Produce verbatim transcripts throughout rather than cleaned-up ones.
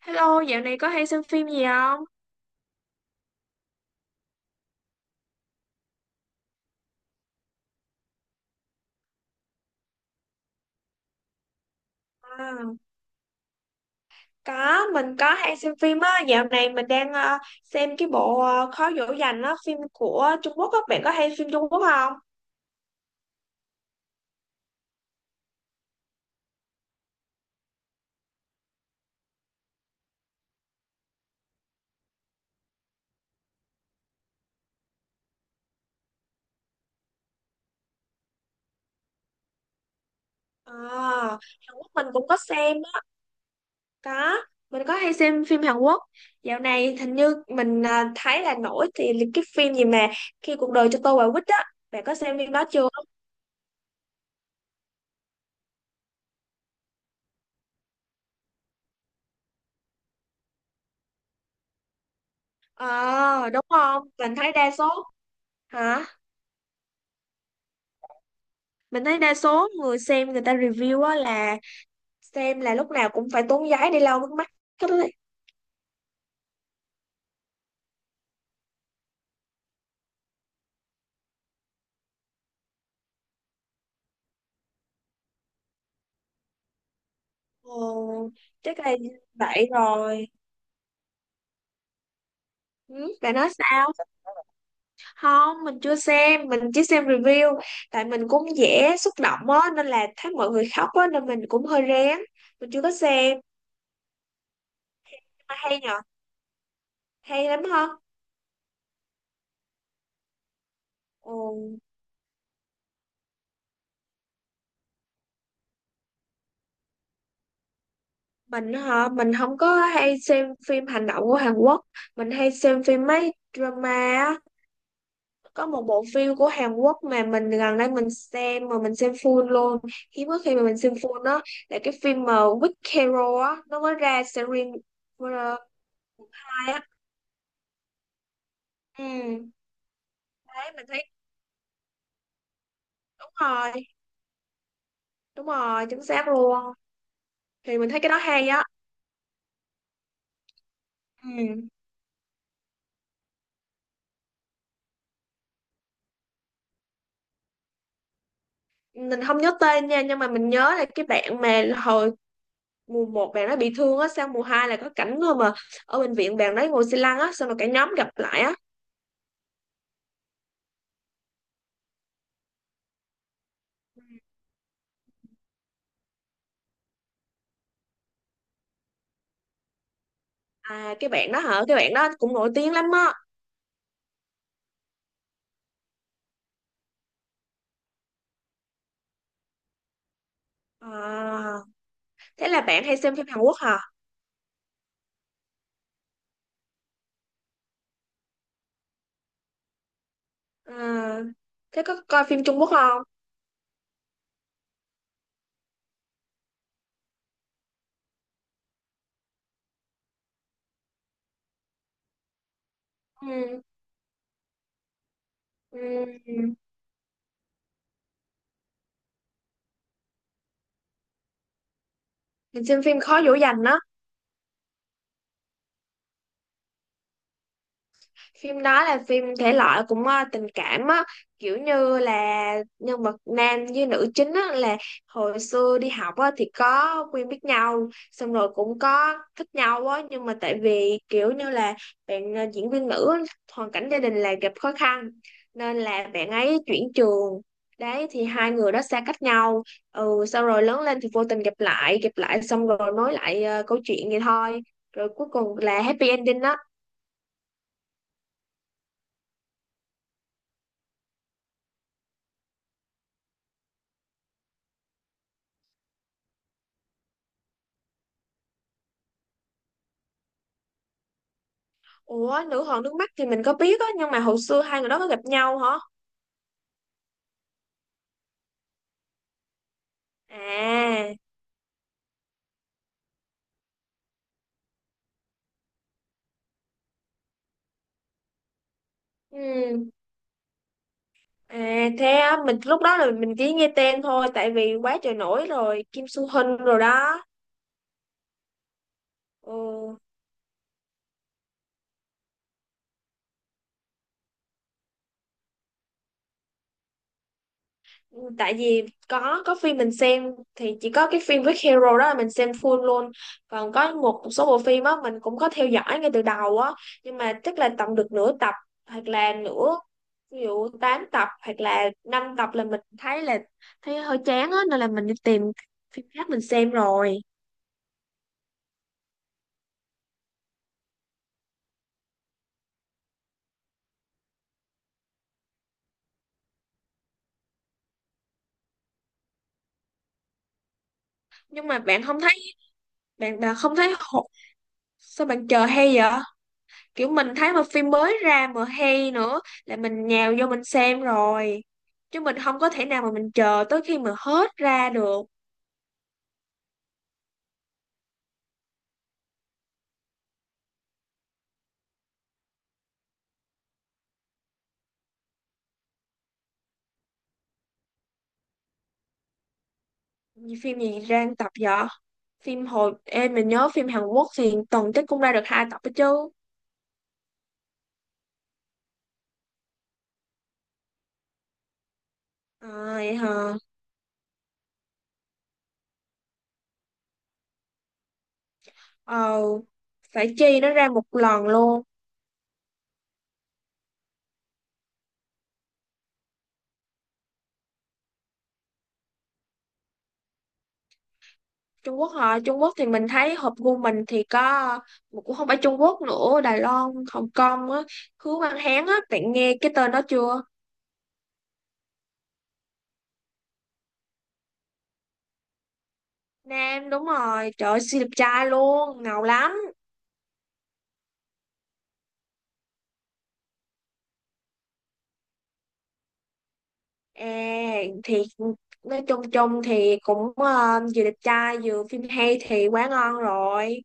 Hello, dạo này có hay xem phim gì không? À, có mình có hay xem phim á. Dạo này mình đang ờ, xem cái bộ ờ, Khó dỗ dành á, phim của Trung Quốc á. Bạn có hay phim Trung Quốc không? À, Hàn Quốc mình cũng có xem á, có, mình có hay xem phim Hàn Quốc. Dạo này hình như mình ờ, thấy là nổi thì là cái phim gì mà khi cuộc đời cho tôi quả quýt á, bạn có xem phim đó chưa? Ờ, đúng không? Mình thấy đa số. Hả? Mình thấy đa số người xem, người ta review á, là xem là lúc nào cũng phải tốn giấy đi lau nước mắt hết đấy. Ồ, chắc là vậy rồi. Ừ, bạn nói sao? Không, mình chưa xem, mình chỉ xem review, tại mình cũng dễ xúc động á, nên là thấy mọi người khóc á nên mình cũng hơi rén. Mình chưa có xem. Mà hay nhở, hay lắm hả? Ồ, mình hả? Mình không có hay xem phim hành động của Hàn Quốc, mình hay xem phim mấy drama á. Có một bộ phim của Hàn Quốc mà mình gần đây mình xem mà mình xem full luôn, hiếm có khi mà mình xem full đó, là cái phim mà Weak Hero á, nó mới ra series. uh, Hai á. Ừ. Đấy mình thấy, đúng rồi, đúng rồi, chính xác luôn, thì mình thấy cái đó hay á. Ừ. Mình không nhớ tên nha, nhưng mà mình nhớ là cái bạn mà hồi mùa một bạn nó bị thương á, sang mùa hai là có cảnh thôi mà, ở bệnh viện bạn đấy ngồi xe lăn á, xong rồi cả nhóm gặp lại á. À, cái bạn đó hả? Cái bạn đó cũng nổi tiếng lắm á. À, thế là bạn hay xem phim Hàn Quốc hả? À, thế có coi phim Trung Quốc không? Ừ. Ừ. Mình xem phim khó dỗ dành á. Phim đó là phim thể loại cũng ờ, tình cảm á, kiểu như là nhân vật nam với nữ chính á là hồi xưa đi học á thì có quen biết nhau, xong rồi cũng có thích nhau á, nhưng mà tại vì kiểu như là bạn ờ, diễn viên nữ á, hoàn cảnh gia đình là gặp khó khăn nên là bạn ấy chuyển trường. Đấy thì hai người đó xa cách nhau. Ừ, sau rồi lớn lên thì vô tình gặp lại, gặp lại xong rồi nói lại ờ, câu chuyện vậy thôi, rồi cuối cùng là happy ending á. Ủa, nữ hoàng nước mắt thì mình có biết á, nhưng mà hồi xưa hai người đó có gặp nhau hả? À, ừ. À thế á, mình lúc đó là mình chỉ nghe tên thôi tại vì quá trời nổi rồi, Kim Soo Hyun rồi đó. Ừ. Ừ, tại vì có có phim mình xem thì chỉ có cái phim với hero đó là mình xem full luôn. Còn có một số bộ phim á mình cũng có theo dõi ngay từ đầu á, nhưng mà chắc là tầm được nửa tập, hoặc là nửa, ví dụ tám tập hoặc là năm tập là mình thấy là thấy hơi chán á nên là mình đi tìm phim khác mình xem rồi. Nhưng mà bạn không thấy, bạn bạn không thấy hổ- sao bạn chờ hay vậy? Kiểu mình thấy mà phim mới ra mà hay nữa là mình nhào vô mình xem rồi, chứ mình không có thể nào mà mình chờ tới khi mà hết ra được. Như phim gì ra một tập vậy? Phim hồi em mình nhớ phim Hàn Quốc thì tuần chắc cũng ra được hai tập đó chứ. À, vậy hả? ờ Phải chi nó ra một lần luôn. Trung Quốc hả? Trung Quốc thì mình thấy hợp gu mình thì có, mà cũng không phải Trung Quốc nữa, Đài Loan Hồng Kông á, Hứa Văn Hán á, bạn nghe cái tên đó chưa? Nam đúng rồi, trời ơi, siêu đẹp trai luôn, ngầu lắm. À, thì nói chung chung thì cũng ờ, vừa đẹp trai vừa phim hay thì quá ngon rồi.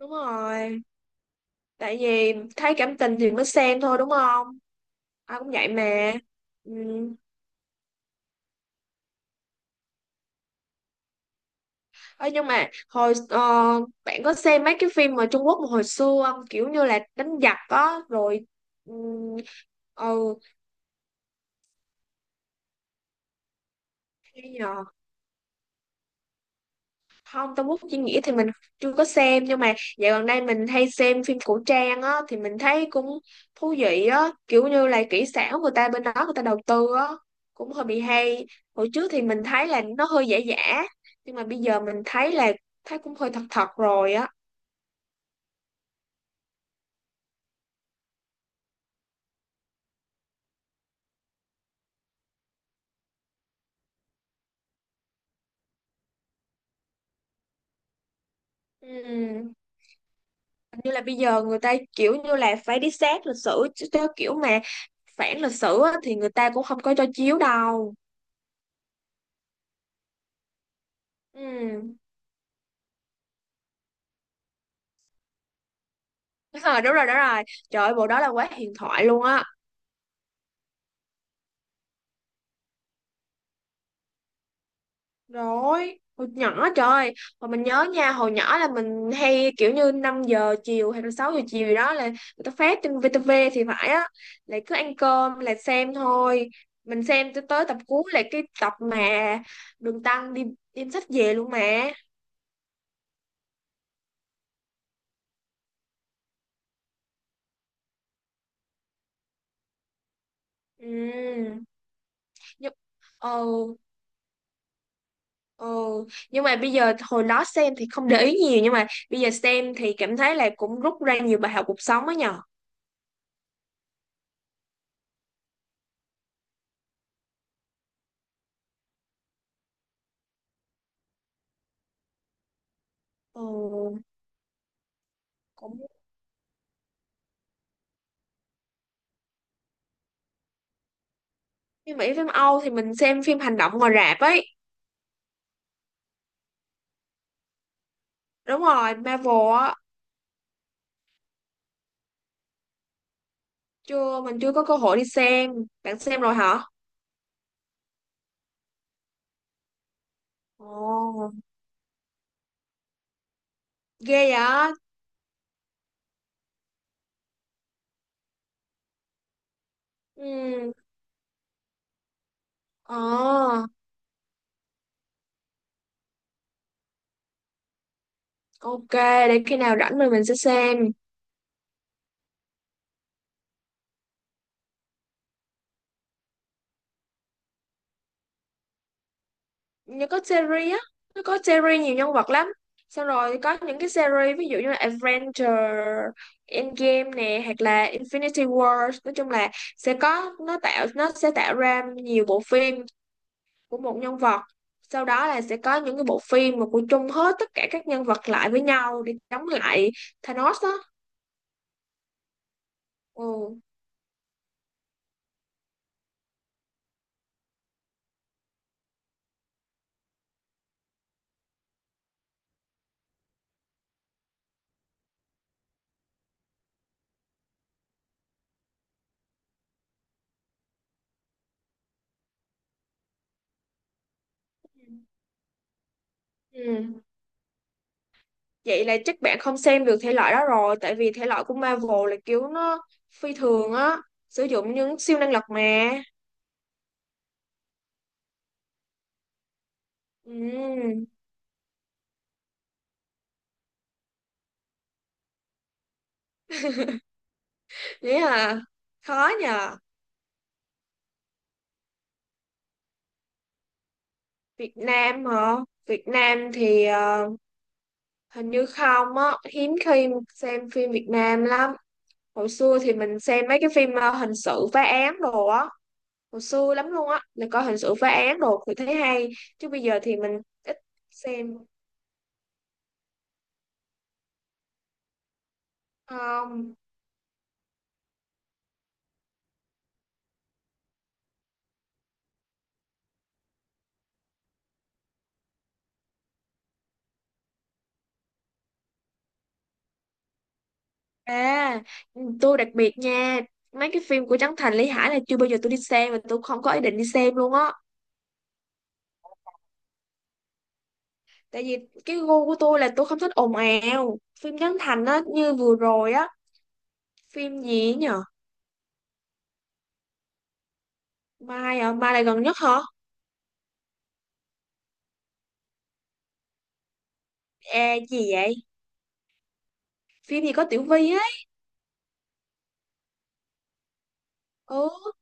Đúng rồi, tại vì thấy cảm tình thì mới xem thôi đúng không? Ai cũng vậy mà. Ừ. Ơ, nhưng mà hồi ờ, bạn có xem mấy cái phim ở Trung Quốc mà hồi xưa không? Kiểu như là đánh giặc á rồi ừ, ừ, cái nhỉ? Không, Tông Quốc Diễn Nghĩa thì mình chưa có xem, nhưng mà dạo gần đây mình hay xem phim cổ trang á, thì mình thấy cũng thú vị á, kiểu như là kỹ xảo người ta bên đó người ta đầu tư á, cũng hơi bị hay. Hồi trước thì mình thấy là nó hơi giả giả, nhưng mà bây giờ mình thấy là thấy cũng hơi thật thật rồi á. Ừm, hình như là bây giờ người ta kiểu như là phải đi sát lịch sử, chứ theo kiểu mà phản lịch sử á thì người ta cũng không có cho chiếu đâu. Ừm. Đúng rồi, đúng rồi, đúng rồi, trời ơi, bộ đó là quá huyền thoại luôn á. Rồi, hồi nhỏ trời, hồi mình nhớ nha, hồi nhỏ là mình hay kiểu như năm giờ chiều hay là sáu giờ chiều gì đó là người ta phát trên vê tê vê thì phải á, lại cứ ăn cơm là xem thôi. Mình xem tới tới tập cuối là cái tập mà Đường Tăng đi đem sách về luôn mà. Ừ. Nhưng ờ ờ nhưng mà bây giờ hồi đó xem thì không để ý nhiều, nhưng mà bây giờ xem thì cảm thấy là cũng rút ra nhiều bài học cuộc sống á nhờ. Ừ. Phim Mỹ phim Âu thì mình xem phim hành động ngoài rạp ấy. Đúng rồi, Marvel á. Chưa, mình chưa có cơ hội đi xem, bạn xem rồi hả? Ồ, ghê vậy. Ừ. ờ ok, để khi nào rảnh mình mình sẽ xem. Như có series á, nó có series nhiều nhân vật lắm, xong rồi có những cái series ví dụ như là Adventure, Endgame nè, hoặc là Infinity War, nói chung là sẽ có, nó tạo nó sẽ tạo ra nhiều bộ phim của một nhân vật, sau đó là sẽ có những cái bộ phim mà của chung hết tất cả các nhân vật lại với nhau để chống lại Thanos á. Ừ. Ừ. Vậy là chắc bạn không xem được thể loại đó rồi, tại vì thể loại của Marvel là kiểu nó phi thường á, sử dụng những siêu năng lực mà. Ừ. Thế à, khó nhờ. Việt Nam hả? Việt Nam thì ờ, hình như không á, hiếm khi xem phim Việt Nam lắm. Hồi xưa thì mình xem mấy cái phim ờ, hình sự phá án đồ á, hồi xưa lắm luôn á, là coi hình sự phá án đồ thì thấy hay, chứ bây giờ thì mình ít xem. Không à, tôi đặc biệt nha, mấy cái phim của Trấn Thành Lý Hải là chưa bao giờ tôi đi xem và tôi không có ý định đi xem luôn á, tại vì cái gu của tôi là tôi không thích ồn ào phim Trấn Thành á, như vừa rồi á, phim gì ấy nhở? Mai à, Mai là gần nhất hả? À, gì vậy? Phim gì có Tiểu Vy ấy. Ừ.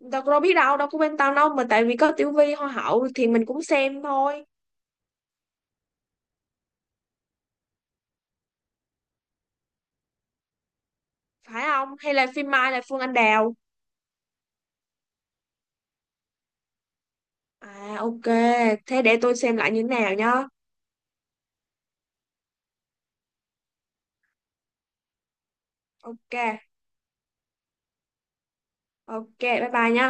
Đâu có biết đâu, đâu có bên tao đâu, mà tại vì có Tiểu Vy hoa hậu thì mình cũng xem thôi. Phải không, hay là phim Mai là Phương Anh Đào? À, ok, thế để tôi xem lại như thế nào nhá. Ok, ok, bye bye nhá.